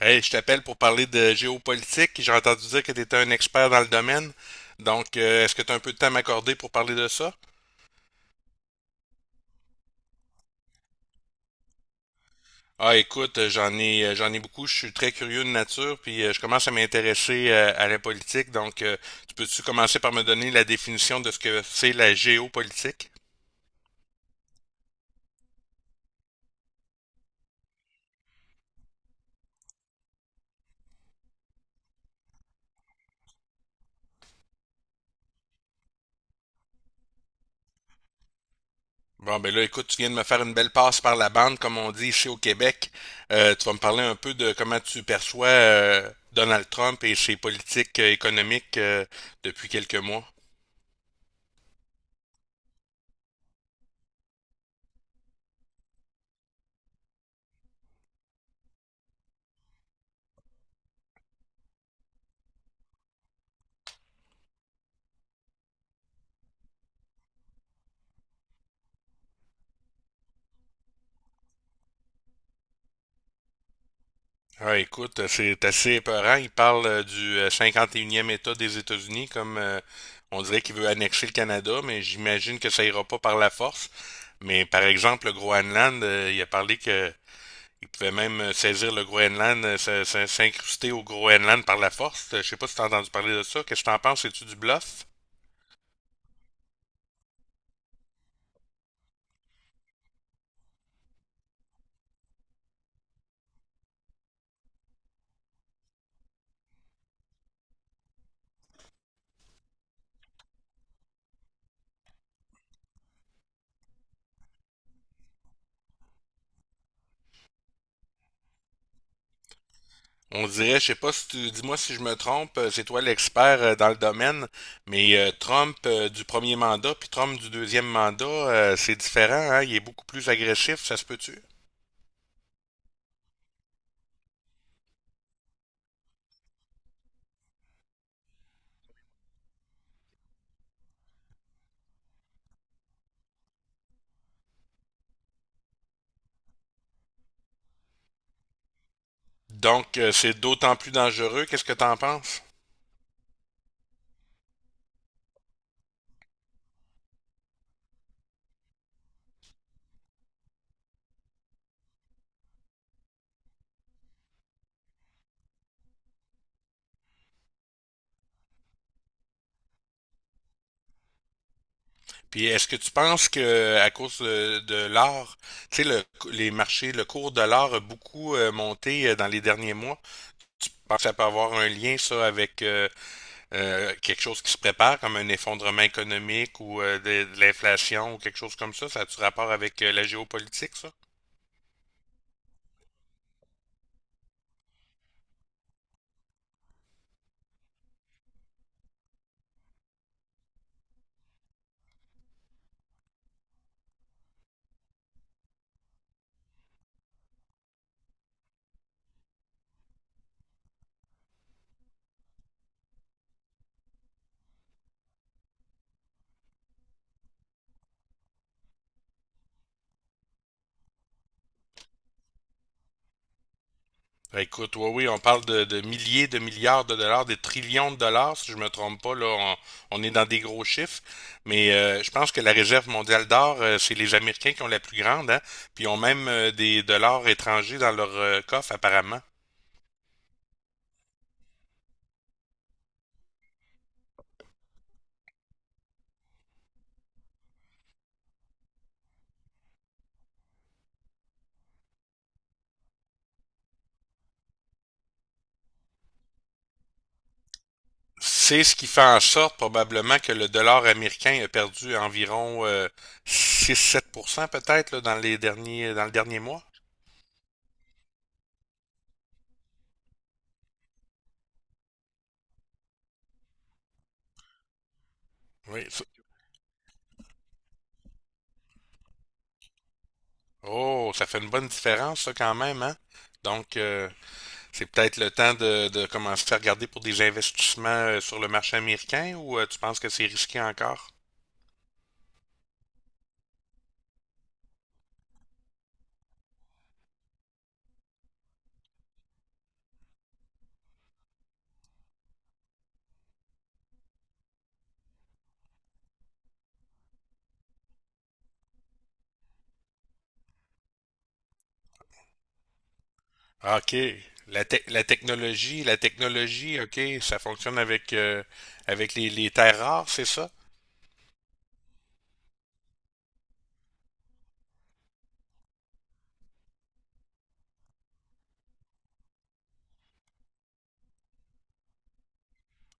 Hey, je t'appelle pour parler de géopolitique. J'ai entendu dire que tu étais un expert dans le domaine. Donc, est-ce que tu as un peu de temps à m'accorder pour parler de ça? Ah, écoute, j'en ai beaucoup. Je suis très curieux de nature, puis je commence à m'intéresser à la politique. Donc, tu peux-tu commencer par me donner la définition de ce que c'est la géopolitique? Bon, ben là, écoute, tu viens de me faire une belle passe par la bande, comme on dit ici au Québec. Tu vas me parler un peu de comment tu perçois Donald Trump et ses politiques économiques depuis quelques mois. Ah, écoute, c'est assez épeurant. Il parle du 51e État des États-Unis. Comme on dirait qu'il veut annexer le Canada, mais j'imagine que ça ira pas par la force. Mais par exemple, le Groenland, il a parlé que il pouvait même saisir le Groenland, s'incruster au Groenland par la force. Je sais pas si t'as entendu parler de ça. Qu'est-ce que t'en penses? C'est-tu du bluff? On dirait, je sais pas si tu, dis-moi si je me trompe, c'est toi l'expert dans le domaine, mais Trump du premier mandat puis Trump du deuxième mandat, c'est différent, hein, il est beaucoup plus agressif, ça se peut-tu? Donc, c'est d'autant plus dangereux, qu'est-ce que t'en penses? Puis est-ce que tu penses que à cause de l'or, tu sais les marchés, le cours de l'or a beaucoup monté dans les derniers mois? Tu penses que ça peut avoir un lien, ça, avec quelque chose qui se prépare, comme un effondrement économique ou de l'inflation ou quelque chose comme ça? Ça a-tu rapport avec la géopolitique, ça? Écoute, oui, oui, on parle de milliers de milliards de dollars, des trillions de dollars, si je me trompe pas, là, on est dans des gros chiffres. Mais je pense que la réserve mondiale d'or, c'est les Américains qui ont la plus grande, hein, puis ils ont même des dollars étrangers dans leur coffre, apparemment. C'est ce qui fait en sorte probablement que le dollar américain a perdu environ 6 à 7% peut-être là, dans le dernier mois. Oui. Oh, ça fait une bonne différence ça quand même, hein? Donc, c'est peut-être le temps de commencer à regarder pour des investissements sur le marché américain ou tu penses que c'est risqué encore? Ah, OK. La technologie, OK, ça fonctionne avec avec les terres rares, c'est ça?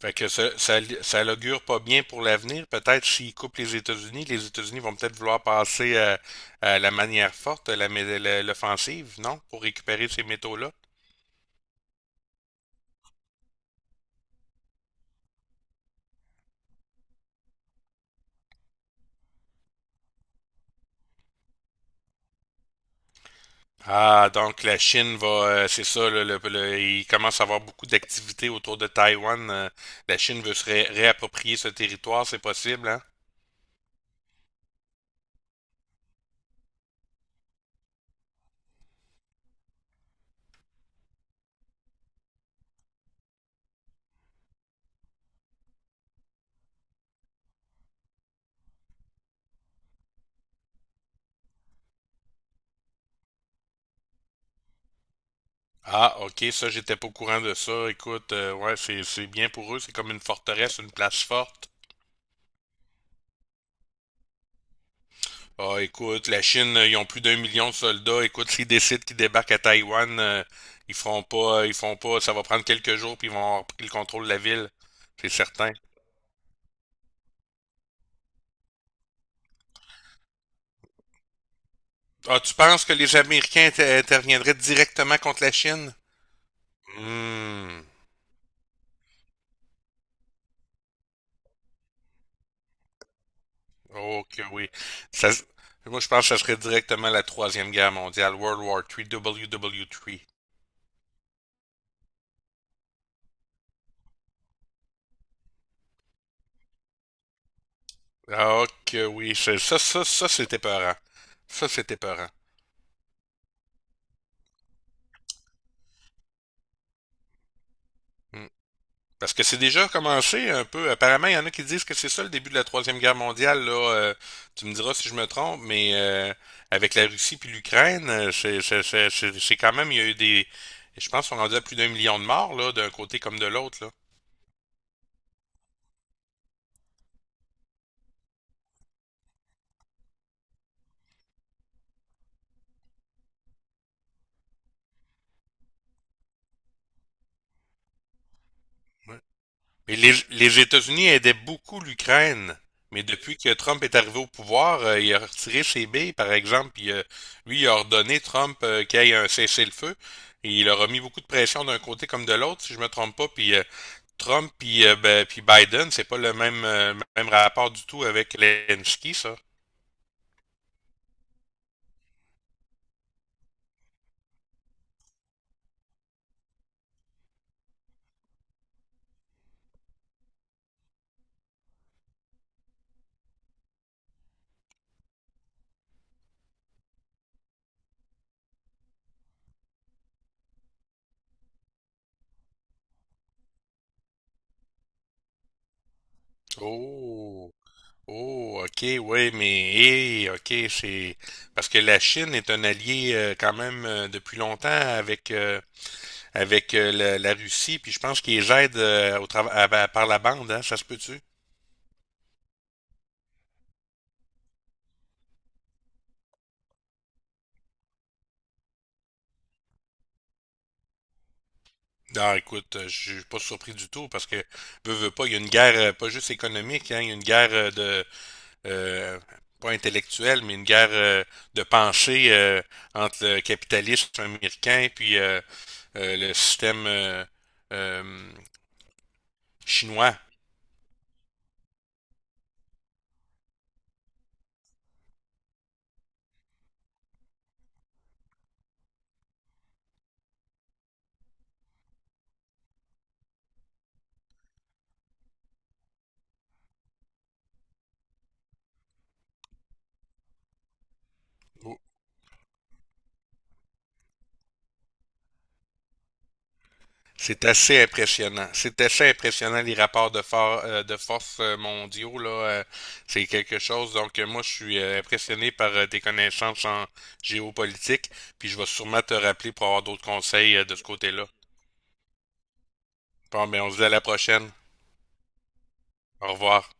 Fait que ça l'augure pas bien pour l'avenir. Peut-être s'ils coupent les États-Unis vont peut-être vouloir passer à la manière forte, à l'offensive, non? Pour récupérer ces métaux-là. Ah, donc la Chine va, c'est ça, là, il commence à avoir beaucoup d'activités autour de Taïwan. La Chine veut se réapproprier ce territoire, c'est possible, hein? Ah, ok, ça, j'étais pas au courant de ça. Écoute, ouais, c'est bien pour eux, c'est comme une forteresse, une place forte. Ah, écoute, la Chine, ils ont plus d'1 million de soldats. Écoute, s'ils décident qu'ils débarquent à Taïwan, ils feront pas, ils font pas. Ça va prendre quelques jours, puis ils vont avoir pris le contrôle de la ville. C'est certain. Ah, tu penses que les Américains interviendraient directement contre la Chine? Hmm. Ok, oui. Ça, s- moi, je pense que ça serait directement la Troisième Guerre mondiale, World War trois, WW3. Ah, ok, oui. Ça, c'était peurant. Ça, c'était peurant. Parce que c'est déjà commencé un peu. Apparemment, il y en a qui disent que c'est ça le début de la Troisième Guerre mondiale. Là, tu me diras si je me trompe, mais avec la Russie puis l'Ukraine, c'est quand même, il y a eu des... Je pense qu'on rendait à plus d'1 million de morts, là, d'un côté comme de l'autre, là. Ouais. Mais les États-Unis aidaient beaucoup l'Ukraine. Mais depuis que Trump est arrivé au pouvoir, il a retiré ses billes, par exemple, puis lui, il a ordonné Trump qu'il y ait un cessez-le-feu. Et il a remis beaucoup de pression d'un côté comme de l'autre, si je me trompe pas. Puis Trump puis ben, puis Biden, c'est pas le même rapport du tout avec Zelensky, ça. Oh, oh, ok, oui, mais hé, ok, c'est parce que la Chine est un allié quand même depuis longtemps avec la Russie, puis je pense qu'ils aident au trava- à- par la bande, hein, ça se peut-tu? Non, écoute, je suis pas surpris du tout parce que veux, veux pas, il y a une guerre pas juste économique, hein, il y a une guerre de euh, pas intellectuelle, mais une guerre de pensée entre le capitalisme américain puis le système euh, chinois. Ou- C'est assez impressionnant. C'est assez impressionnant les rapports de force mondiaux là. C'est quelque chose. Donc, moi je suis impressionné par tes connaissances en géopolitique. Puis je vais sûrement te rappeler pour avoir d'autres conseils de ce côté-là. Bon, mais on se dit à la prochaine. Au revoir.